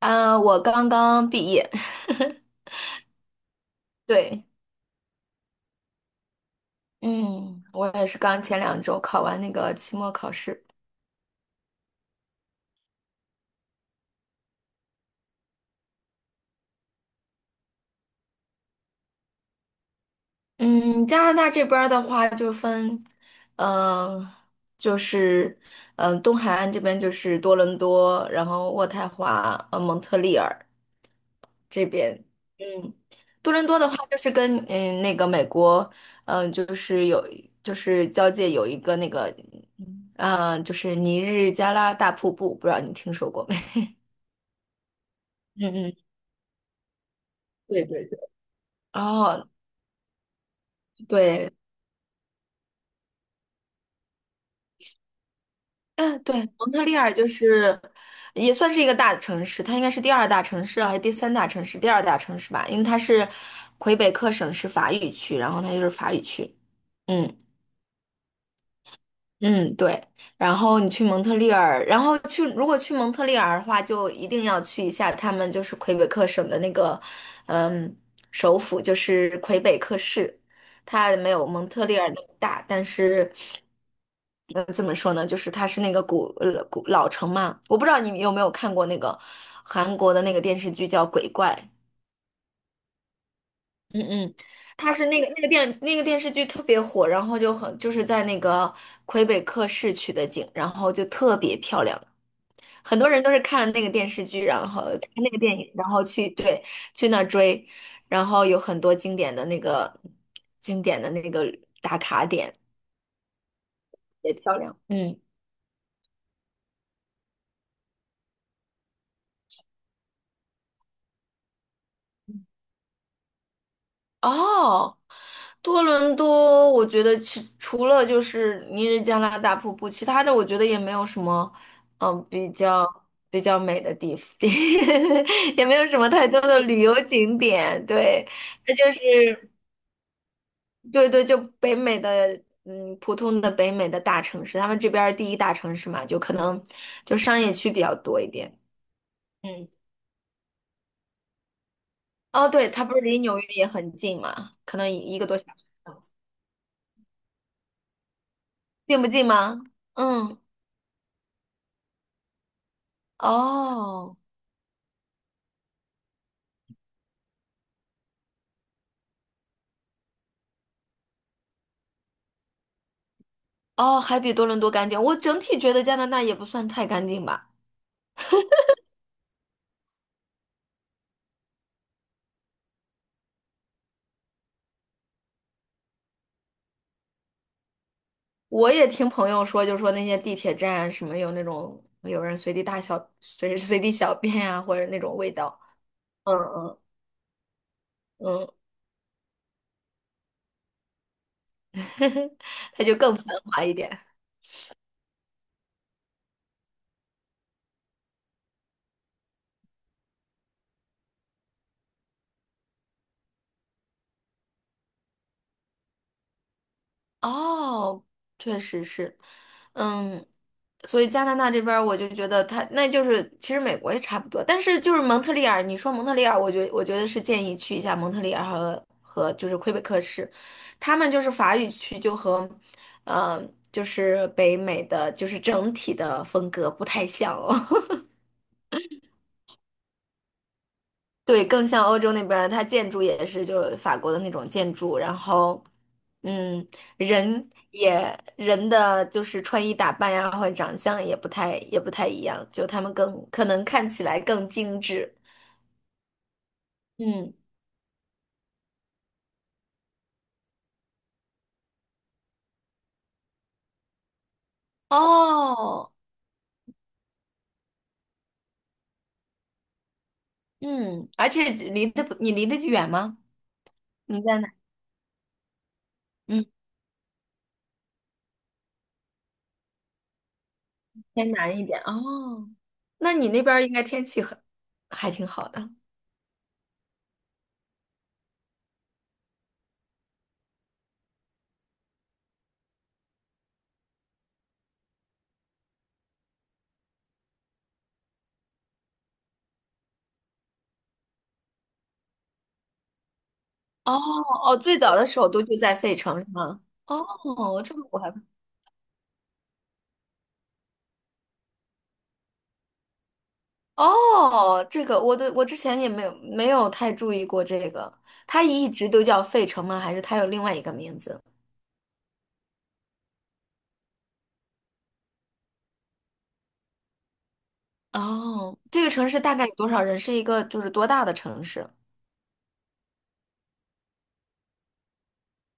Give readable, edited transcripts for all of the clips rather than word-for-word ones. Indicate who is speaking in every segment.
Speaker 1: 嗯，我刚刚毕业。对。嗯，我也是刚前2周考完那个期末考试。嗯，加拿大这边儿的话就分，嗯、就是东海岸这边就是多伦多，然后渥太华、蒙特利尔这边。嗯，多伦多的话就是跟那个美国，就是就是交界有一个那个，就是尼日加拉大瀑布，不知道你听说过没？嗯嗯。对对对，哦，对，嗯，对，蒙特利尔就是也算是一个大城市。它应该是第二大城市还是第三大城市？第二大城市吧，因为它是魁北克省是法语区，然后它就是法语区。嗯。嗯，对。然后你去蒙特利尔，然后去，如果去蒙特利尔的话，就一定要去一下他们就是魁北克省的那个，嗯，首府就是魁北克市。它没有蒙特利尔那么大，但是，嗯，怎么说呢？就是它是那个古老城嘛。我不知道你有没有看过那个韩国的那个电视剧叫《鬼怪》。嗯嗯。它是那个那个电那个电视剧特别火，然后就很就是在那个魁北克市取的景，然后就特别漂亮。很多人都是看了那个电视剧，然后看那个电影，然后去，对，去那儿追，然后有很多经典的那个打卡点也漂亮，嗯。哦，多伦多，我觉得除了就是尼日加拉大瀑布，其他的我觉得也没有什么，嗯，比较比较美的地，也没有什么太多的旅游景点。对，那就是，对对，就北美的，普通的北美的大城市，他们这边儿第一大城市嘛，就可能就商业区比较多一点。嗯，哦，对，它不是离纽约也很近嘛，可能一个多小时。并不近吗？嗯。哦哦，还比多伦多干净。我整体觉得加拿大也不算太干净吧。我也听朋友说，就说那些地铁站什么有那种有人随地大小、随地小便啊，或者那种味道。嗯嗯嗯。它就更繁华一点。哦，确实是。嗯，所以加拿大这边儿我就觉得他那就是其实美国也差不多，但是就是蒙特利尔。你说蒙特利尔，我觉得是建议去一下蒙特利尔和就是魁北克市。他们就是法语区就和，呃，就是北美的就是整体的风格不太像哦。对，更像欧洲那边儿它建筑也是就是法国的那种建筑，然后，嗯，人的就是穿衣打扮呀，或者长相也不太一样，就他们更可能看起来更精致。嗯，哦，嗯，而且离得不，你离得远吗？你在哪？嗯，偏南一点。哦，那你那边儿应该天气还挺好的。哦哦，最早的首都就在费城是吗？哦，这个我还。哦，这个我对，我之前也没有太注意过这个。它一直都叫费城吗？还是它有另外一个名字？哦，这个城市大概有多少人？是一个就是多大的城市？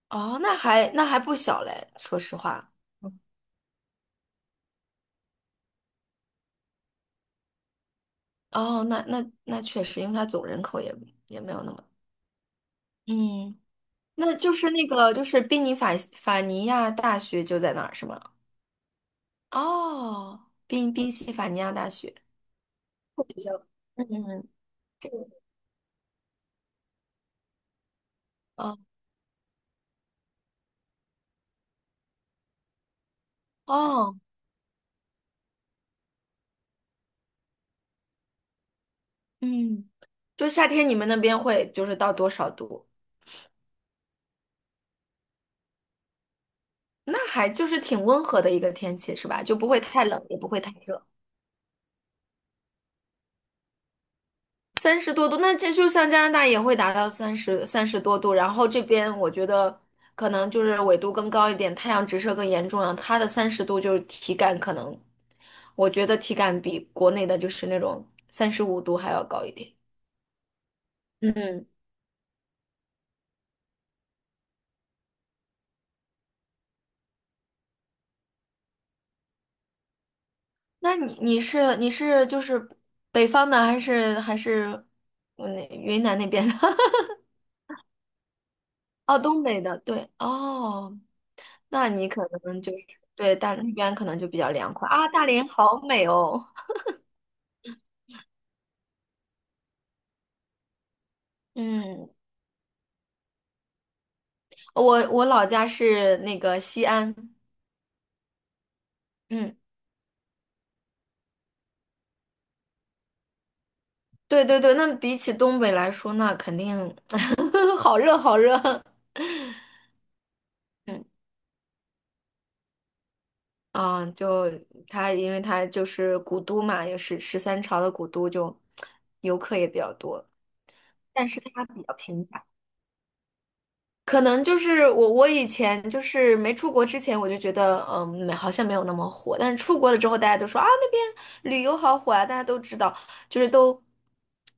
Speaker 1: 哦，那还不小嘞，说实话。哦，那确实，因为它总人口也没有那么。嗯，那就是那个就是宾尼法法尼亚大学就在那儿是吗？哦，宾宾夕法尼亚大学。这个学校。嗯嗯。这个。哦哦。嗯，就夏天你们那边会就是到多少度？那还就是挺温和的一个天气是吧？就不会太冷，也不会太热。三十多度，那这就像加拿大也会达到三十多度。然后这边我觉得可能就是纬度更高一点，太阳直射更严重了，它的30度就是体感可能，我觉得体感比国内的就是那种35度还要高一点。嗯，那你是就是北方的还是那云南那边的？哦，东北的，对，哦，那你可能就是对，那边可能就比较凉快啊。大连好美哦。嗯，我老家是那个西安。嗯，对对对。那比起东北来说，那肯定 好热好热。嗯啊，因为它就是古都嘛，也是13朝的古都，就游客也比较多。但是它比较平凡。可能就是我以前就是没出国之前，我就觉得，没好像没有那么火。但是出国了之后，大家都说啊，那边旅游好火啊，大家都知道，就是都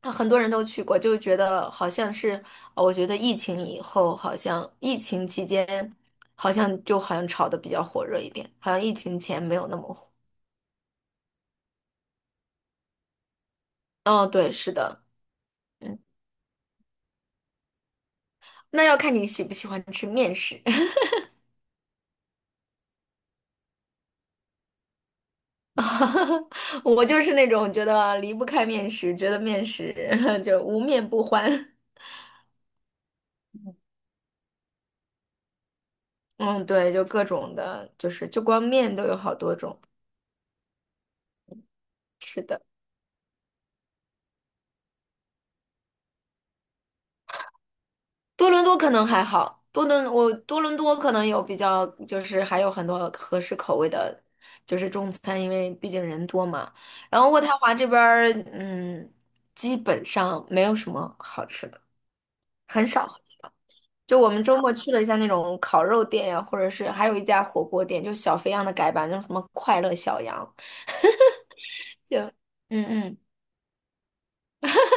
Speaker 1: 啊很多人都去过，就觉得好像是。我觉得疫情以后，好像疫情期间，好像就好像炒的比较火热一点，好像疫情前没有那么火。哦，对，是的。嗯，那要看你喜不喜欢吃面食。我就是那种觉得离不开面食，觉得面食 就无面不欢。嗯，对。就各种的，就是就光面都有好多种。是的，多伦多可能还好。多伦多可能有比较，就是还有很多合适口味的，就是中餐，因为毕竟人多嘛。然后渥太华这边儿，基本上没有什么好吃的，很少。就我们周末去了一下那种烤肉店呀、或者是还有一家火锅店，就小肥羊的改版，叫什么快乐小羊。嗯嗯。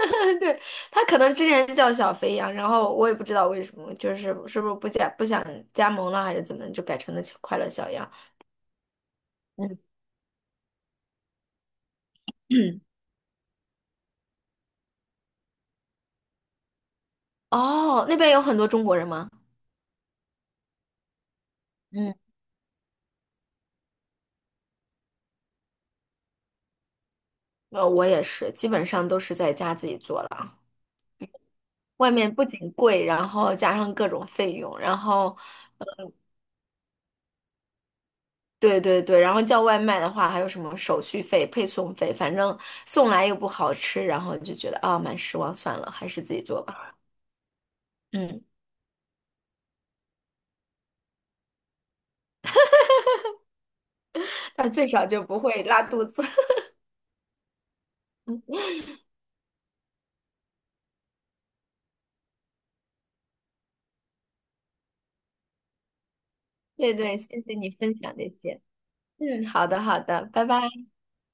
Speaker 1: 对，他可能之前叫小肥羊，然后我也不知道为什么，就是是不是不想加盟了，还是怎么就改成了小快乐小羊。嗯嗯。哦，那边有很多中国人吗？嗯，我也是，基本上都是在家自己做了啊。外面不仅贵，然后加上各种费用，然后。对对对，然后叫外卖的话，还有什么手续费、配送费，反正送来又不好吃，然后就觉得啊，蛮失望，算了，还是自己做吧。嗯，但最少就不会拉肚子。对对，谢谢你分享这些。嗯，好的好的，拜拜。